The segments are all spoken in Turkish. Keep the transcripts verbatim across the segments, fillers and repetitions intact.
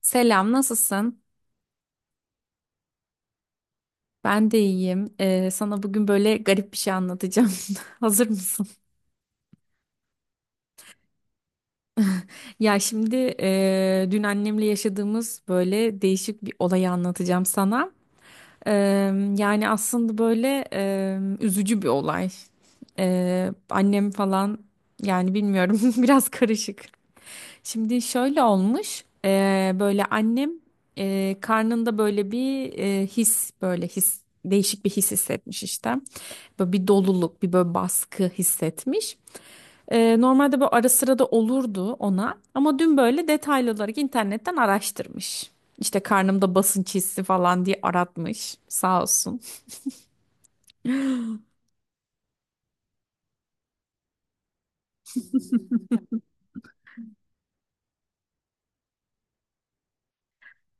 Selam, nasılsın? Ben de iyiyim. Ee, sana bugün böyle garip bir şey anlatacağım. Hazır mısın? Ya şimdi e, dün annemle yaşadığımız böyle değişik bir olayı anlatacağım sana. Ee, Yani aslında böyle e, üzücü bir olay. Ee, annem falan, yani bilmiyorum, biraz karışık. Şimdi şöyle olmuş, eee, böyle annem eee, karnında böyle bir eee, his, böyle his, değişik bir his hissetmiş işte. Böyle bir doluluk, bir böyle baskı hissetmiş. Eee, normalde böyle ara sıra da olurdu ona, ama dün böyle detaylı olarak internetten araştırmış. İşte karnımda basınç hissi falan diye aratmış, sağ olsun.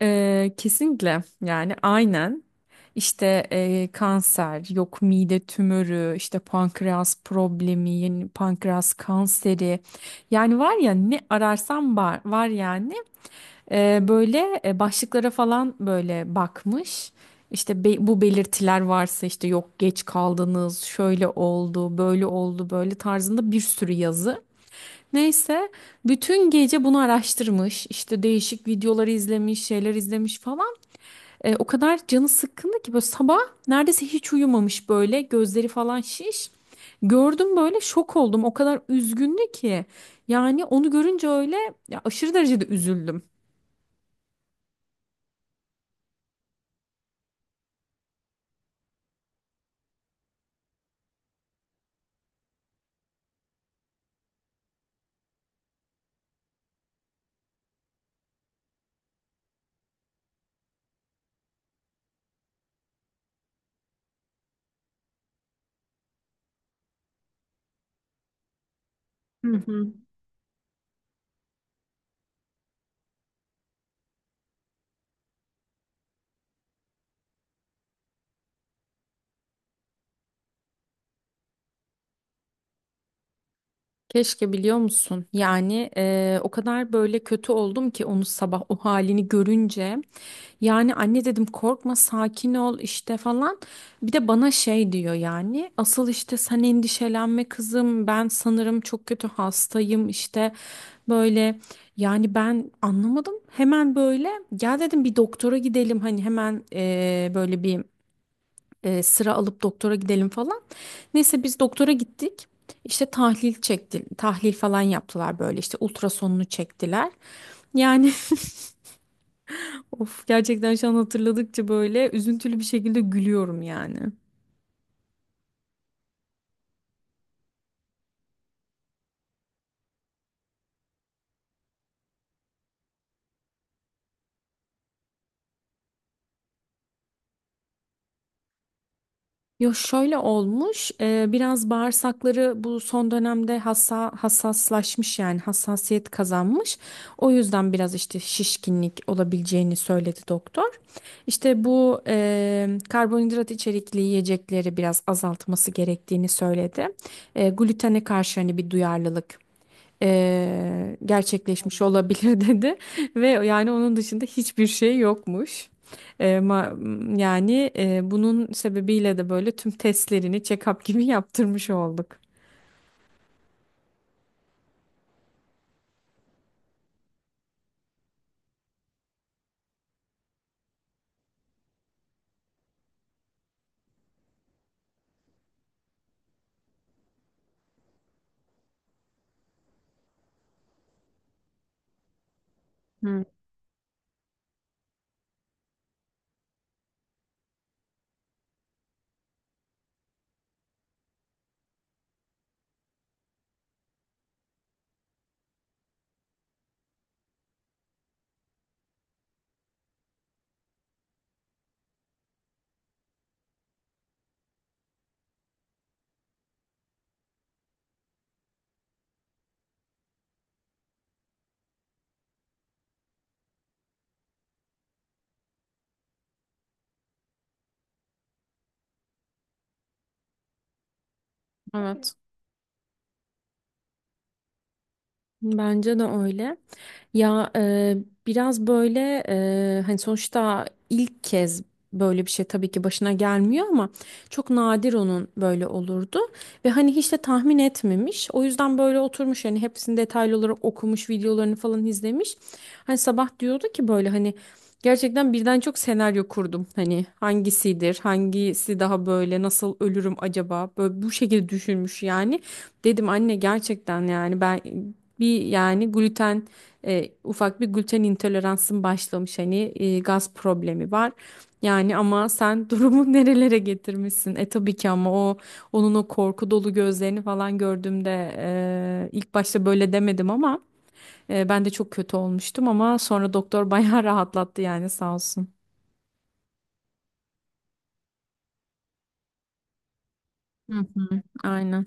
Ee, kesinlikle yani, aynen işte e, kanser, yok mide tümörü, işte pankreas problemi, yeni pankreas kanseri, yani var ya, ne ararsam var, var yani. Ee, böyle e, başlıklara falan böyle bakmış, işte be- bu belirtiler varsa işte, yok geç kaldınız, şöyle oldu böyle oldu, böyle tarzında bir sürü yazı. Neyse, bütün gece bunu araştırmış, işte değişik videoları izlemiş, şeyler izlemiş falan. E, o kadar canı sıkkındı ki, böyle sabah neredeyse hiç uyumamış, böyle gözleri falan şiş. Gördüm, böyle şok oldum. O kadar üzgündü ki. Yani onu görünce öyle, ya aşırı derecede üzüldüm. Keşke, biliyor musun? Yani eee, o kadar böyle kötü oldum ki, onu sabah o halini görünce. Yani anne dedim, korkma, sakin ol, işte falan. Bir de bana şey diyor yani, asıl işte sen endişelenme kızım, ben sanırım çok kötü hastayım, işte böyle. Yani ben anlamadım, hemen böyle gel dedim, bir doktora gidelim hani, hemen eee, böyle bir e, sıra alıp doktora gidelim falan. Neyse, biz doktora gittik. İşte tahlil çekti, tahlil falan yaptılar, böyle işte ultrasonunu çektiler. Yani, of, gerçekten şu an hatırladıkça böyle üzüntülü bir şekilde gülüyorum yani. Yo, şöyle olmuş e, biraz bağırsakları bu son dönemde hassa, hassaslaşmış, yani hassasiyet kazanmış. O yüzden biraz işte şişkinlik olabileceğini söyledi doktor. İşte bu eee, karbonhidrat içerikli yiyecekleri biraz azaltması gerektiğini söyledi. Eee glutene karşı hani bir duyarlılık eee, gerçekleşmiş olabilir, dedi ve yani onun dışında hiçbir şey yokmuş. Eee, ma- yani eee, bunun sebebiyle de böyle tüm testlerini check-up gibi yaptırmış olduk. Evet. Bence de öyle. Ya, e, biraz böyle, e, hani sonuçta ilk kez böyle bir şey tabii ki başına gelmiyor, ama çok nadir onun böyle olurdu. Ve hani hiç de tahmin etmemiş. O yüzden böyle oturmuş yani, hepsini detaylı olarak okumuş, videolarını falan izlemiş. Hani sabah diyordu ki böyle, hani gerçekten birden çok senaryo kurdum. Hani hangisidir, hangisi daha böyle, nasıl ölürüm acaba? Böyle bu şekilde düşünmüş yani. Dedim anne, gerçekten yani ben bir yani gluten, e, ufak bir gluten intoleransın başlamış, hani e, gaz problemi var. Yani ama sen durumu nerelere getirmişsin? E, tabii ki, ama o, onun o korku dolu gözlerini falan gördüğümde, e, ilk başta böyle demedim, ama e, ben de çok kötü olmuştum, ama sonra doktor bayağı rahatlattı yani, sağ olsun. Hı hı. Aynen.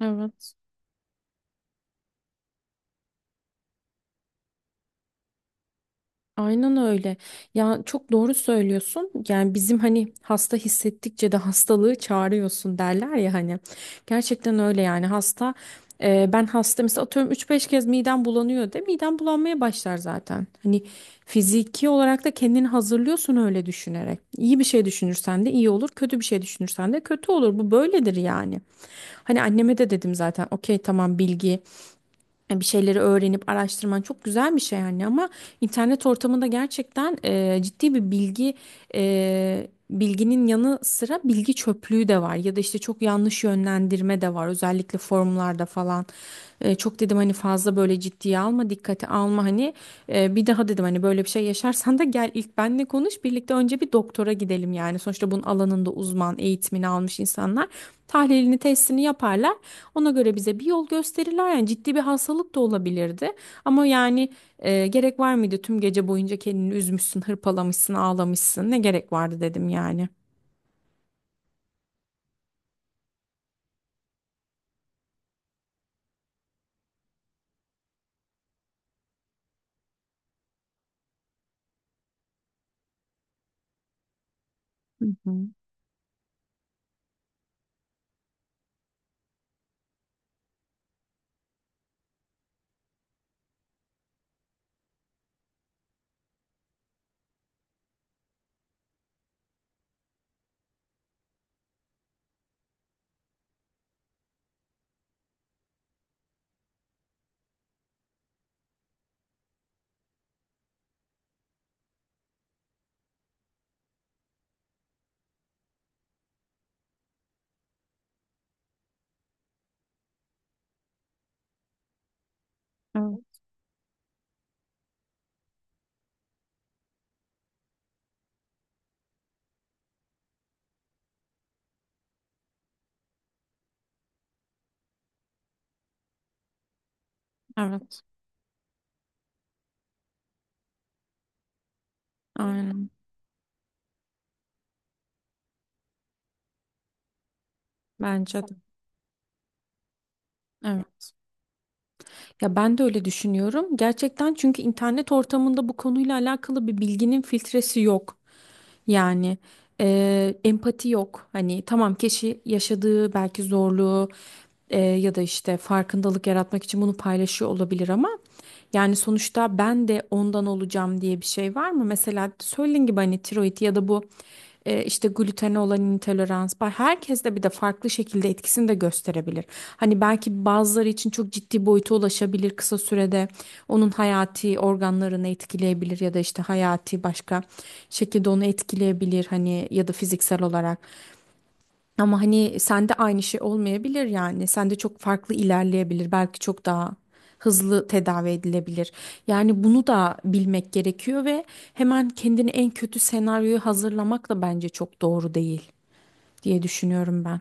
Evet. Aynen öyle. Ya çok doğru söylüyorsun. Yani bizim hani, hasta hissettikçe de hastalığı çağırıyorsun derler ya hani. Gerçekten öyle yani hasta. E, ben hasta mesela, atıyorum üç beş kez midem bulanıyor de, midem bulanmaya başlar zaten. Hani fiziki olarak da kendini hazırlıyorsun öyle düşünerek. İyi bir şey düşünürsen de iyi olur, kötü bir şey düşünürsen de kötü olur. Bu böyledir yani. Hani anneme de dedim zaten, okey tamam bilgi. Yani bir şeyleri öğrenip araştırman çok güzel bir şey yani, ama internet ortamında gerçekten e, ciddi bir bilgi, e, bilginin yanı sıra bilgi çöplüğü de var ya da işte çok yanlış yönlendirme de var, özellikle forumlarda falan. E, çok dedim hani, fazla böyle ciddiye alma, dikkate alma hani, e, bir daha dedim hani böyle bir şey yaşarsan da gel ilk benle konuş, birlikte önce bir doktora gidelim yani, sonuçta bunun alanında uzman eğitimini almış insanlar tahlilini testini yaparlar. Ona göre bize bir yol gösterirler. Yani ciddi bir hastalık da olabilirdi. Ama yani, e, gerek var mıydı? Tüm gece boyunca kendini üzmüşsün, hırpalamışsın, ağlamışsın. Ne gerek vardı, dedim yani. Hı hı. Evet. Evet, aynen. Bence de. Evet. Ya ben de öyle düşünüyorum. Gerçekten, çünkü internet ortamında bu konuyla alakalı bir bilginin filtresi yok. Yani e, empati yok. Hani tamam, kişi yaşadığı belki zorluğu, e, ya da işte farkındalık yaratmak için bunu paylaşıyor olabilir, ama yani sonuçta ben de ondan olacağım diye bir şey var mı? Mesela söylediğin gibi hani tiroid ya da bu e, işte glutene olan intolerans. Ba- Herkes de bir de farklı şekilde etkisini de gösterebilir. Hani belki bazıları için çok ciddi boyuta ulaşabilir kısa sürede. Onun hayati organlarını etkileyebilir ya da işte hayati başka şekilde onu etkileyebilir hani, ya da fiziksel olarak. Ama hani sende aynı şey olmayabilir yani. Sende çok farklı ilerleyebilir. Belki çok daha hızlı tedavi edilebilir. Yani bunu da bilmek gerekiyor ve hemen kendini en kötü senaryoyu hazırlamak da bence çok doğru değil diye düşünüyorum ben.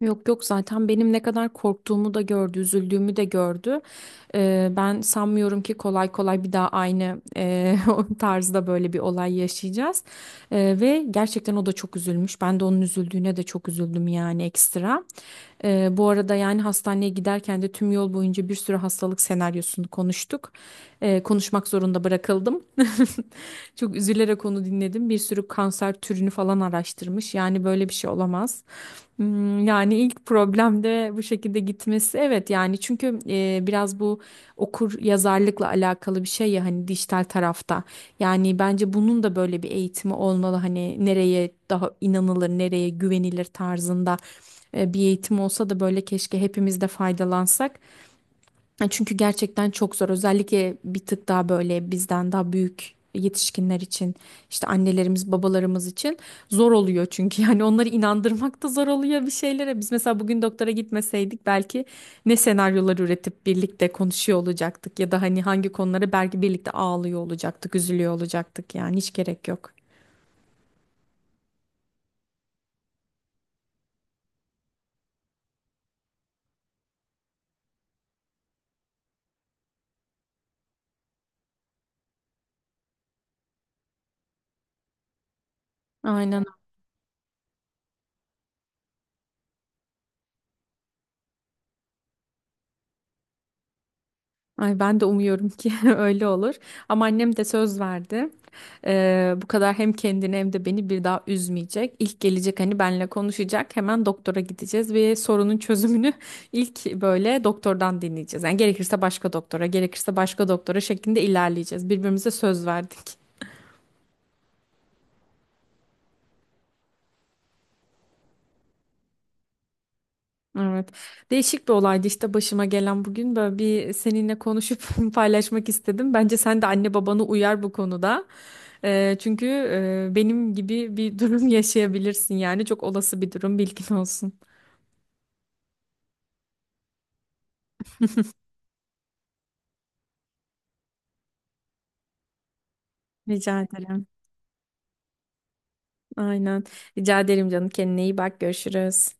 Yok yok, zaten benim ne kadar korktuğumu da gördü, üzüldüğümü de gördü. Ee, ben sanmıyorum ki kolay kolay bir daha aynı eee, o tarzda böyle bir olay yaşayacağız. Ee, ve gerçekten o da çok üzülmüş. Ben de onun üzüldüğüne de çok üzüldüm yani, ekstra. Ee, bu arada yani, hastaneye giderken de tüm yol boyunca bir sürü hastalık senaryosunu konuştuk. Ee, konuşmak zorunda bırakıldım. Çok üzülerek onu dinledim. Bir sürü kanser türünü falan araştırmış. Yani böyle bir şey olamaz. Hmm, Yani ilk problemde bu şekilde gitmesi evet yani, çünkü e, biraz bu okur yazarlıkla alakalı bir şey ya hani, dijital tarafta yani bence bunun da böyle bir eğitimi olmalı hani, nereye daha inanılır nereye güvenilir tarzında e, bir eğitim olsa da böyle, keşke hepimiz de faydalansak. Çünkü gerçekten çok zor. Özellikle bir tık daha böyle bizden daha büyük yetişkinler için, işte annelerimiz, babalarımız için zor oluyor çünkü, yani onları inandırmak da zor oluyor bir şeylere. Biz mesela bugün doktora gitmeseydik, belki ne senaryolar üretip birlikte konuşuyor olacaktık, ya da hani hangi konuları belki birlikte ağlıyor olacaktık, üzülüyor olacaktık, yani hiç gerek yok. Aynen. Ay ben de umuyorum ki öyle olur. Ama annem de söz verdi. Ee, bu kadar hem kendini hem de beni bir daha üzmeyecek. İlk gelecek hani, benle konuşacak. Hemen doktora gideceğiz ve sorunun çözümünü ilk böyle doktordan dinleyeceğiz. Yani gerekirse başka doktora, gerekirse başka doktora şeklinde ilerleyeceğiz. Birbirimize söz verdik. Evet. Değişik bir olaydı işte başıma gelen bugün. Böyle, bir seninle konuşup paylaşmak istedim. Bence sen de anne babanı uyar bu konuda. Ee, çünkü e, benim gibi bir durum yaşayabilirsin yani. Çok olası bir durum, bilgin olsun. Rica ederim. Aynen. Rica ederim canım. Kendine iyi bak. Görüşürüz.